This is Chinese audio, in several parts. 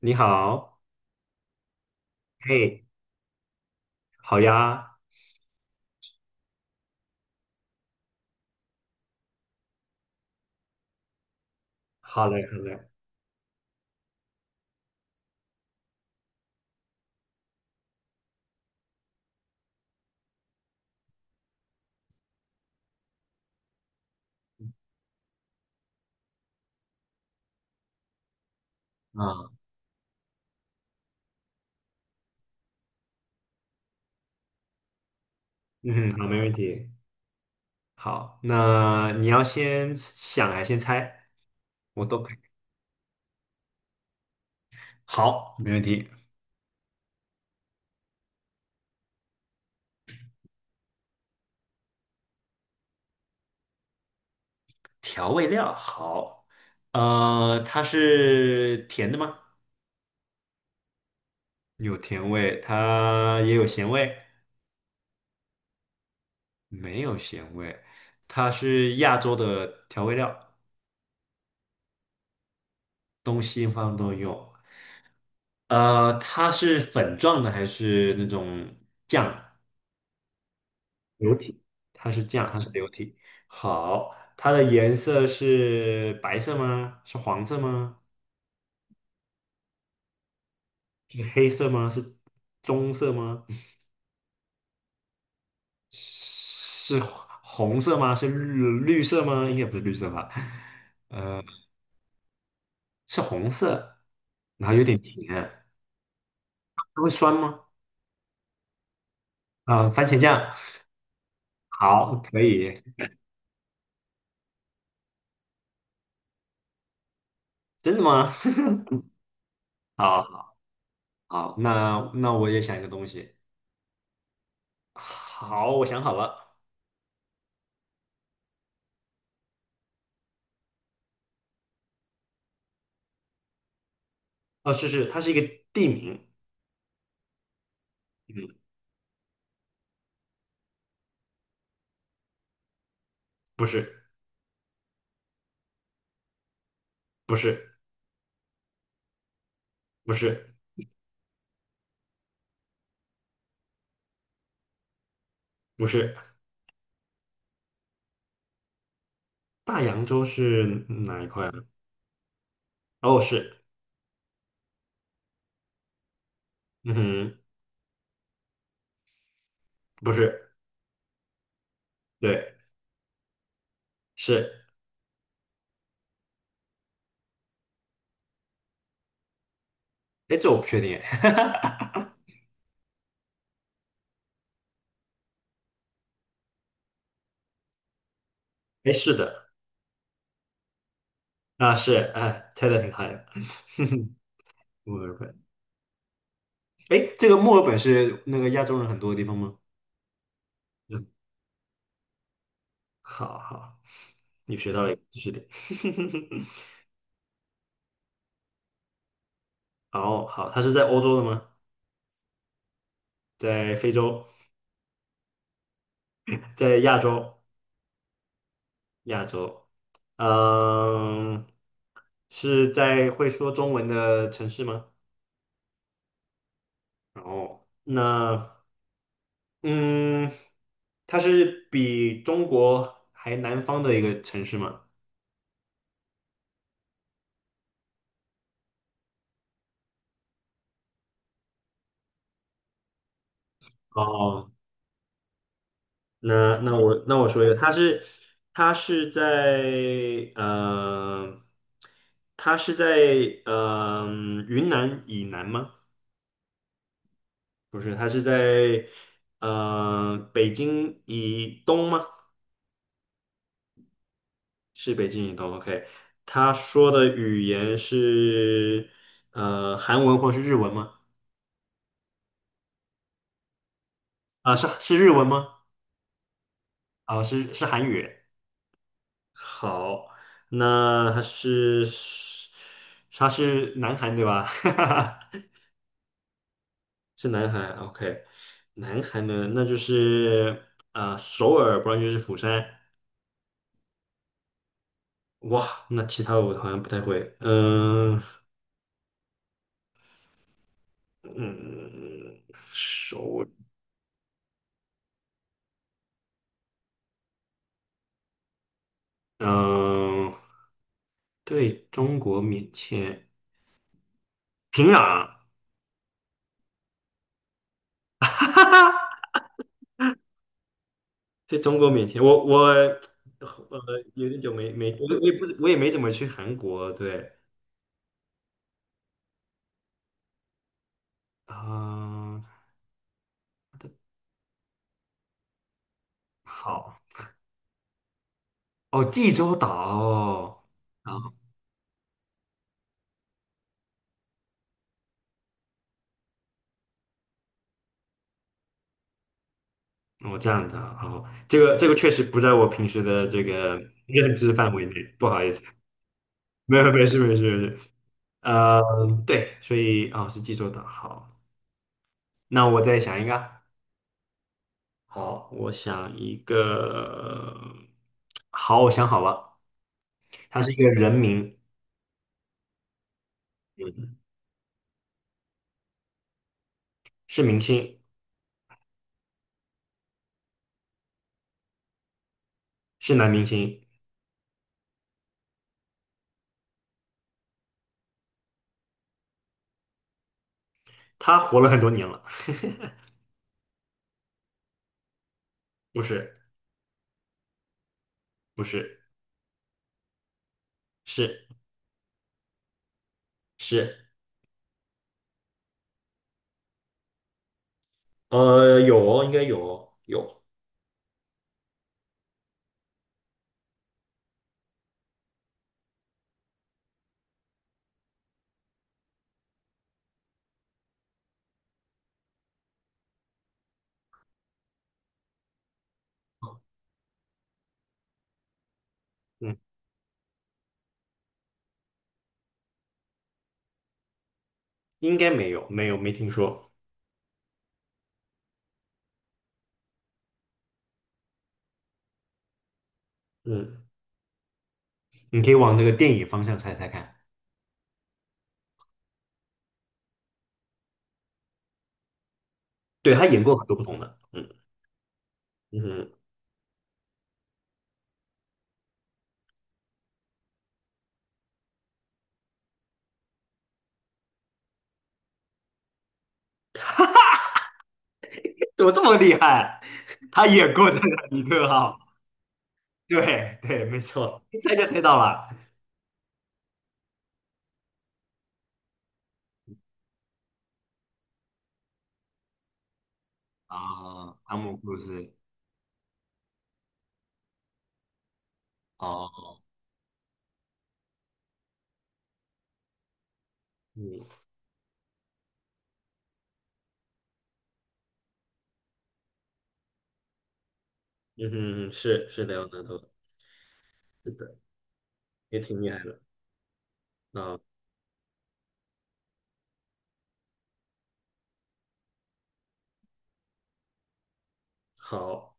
你好，嘿，好呀，好嘞，好嘞，啊，嗯，好，没问题。好，那你要先想还是先猜？我都可以。好，没问题。调味料，好，它是甜的吗？有甜味，它也有咸味，没有咸味。它是亚洲的调味料，东西方都有。它是粉状的还是那种酱？流体，它是这样，它是流体。好，它的颜色是白色吗？是黄色吗？是黑色吗？是棕色吗？是红色吗？是绿色吗？应该不是绿色吧？呃，是红色，然后有点甜，它会酸吗？啊、番茄酱，好，可以，真的吗？好好，那我也想一个东西。好，我想好了。哦，它是一个地名。嗯。不是，不是，不是，不是，大洋洲是哪一块啊？哦，是，嗯哼，不是，对，是，哎，这我不确定，哎，哎，是的，啊，是，哎，猜的挺好的，哼哼，墨尔本，哎，这个墨尔本是那个亚洲人很多的地方吗？嗯，好好，你学到了一个知识点，哦，好，它是在欧洲的吗？在非洲，在亚洲，亚洲。嗯，是在会说中文的城市吗？然后，那嗯，它是比中国还南方的一个城市吗？哦，那我说一个，它是在它是在呃云南以南吗？不是，它是在北京以东吗？是北京移动，OK。他说的语言是韩文或是日文吗？啊，是日文吗？啊，是韩语。好，那他是南韩对吧？是南韩，OK。南韩呢，那就是啊、首尔，不然就是釜山。哇，那其他我好像不太会。嗯、嗯，首尔嗯、对中国免签。平壤在中国面前，我有点久没没我我也不我也没怎么去韩国，对，啊、它的好哦，济州岛哦，啊，我这样的哦，这个确实不在我平时的这个 认知范围内，不好意思，没事没事没事，呃，对，所以哦是济州岛，好，那我再想一个，好，我想一个，好，我想好了，它是一个人名。嗯是明星，是男明星，他活了很多年了。不是，不是，是是，呃，有哦，应该有哦，有。嗯，应该没有，没有，没听说。嗯，你可以往那个电影方向猜猜看。对，他演过很多不同的。嗯嗯，怎么这么厉害？他演过的《尼克号》。对对，没错，一猜就猜到了。啊，汤姆·克鲁斯。哦，嗯嗯哼，是的，有难度，是的，也挺厉害的。啊，好。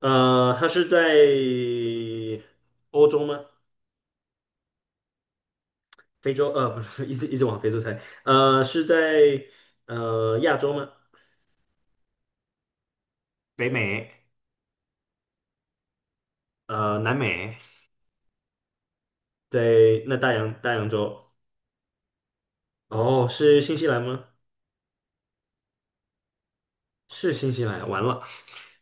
它是在欧洲吗？非洲？不是，一直一直往非洲猜。是在亚洲吗？北美，南美，对，那大洋洲？哦，是新西兰吗？是新西兰，完了。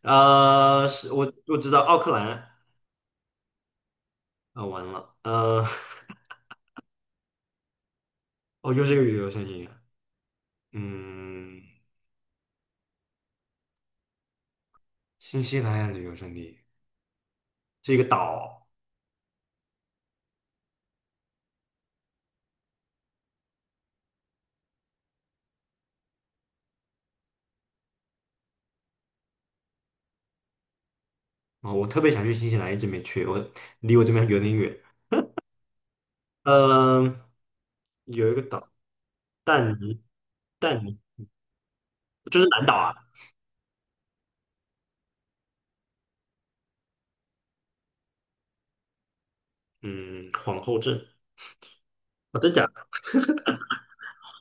是我知道奥克兰，啊、完了，哦，又是一个旅游胜地，嗯，新西兰旅游胜地是一个岛啊、我特别想去新西兰，一直没去，离我这边有点远。嗯，有一个岛，但尼但尼就是南岛啊，嗯，皇后镇哦，真假的？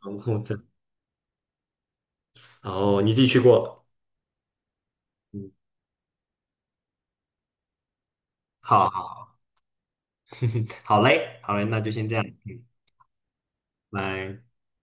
皇后镇，哦，你自己去过了嗯，好好 好嘞，好嘞，那就先这样，嗯，拜。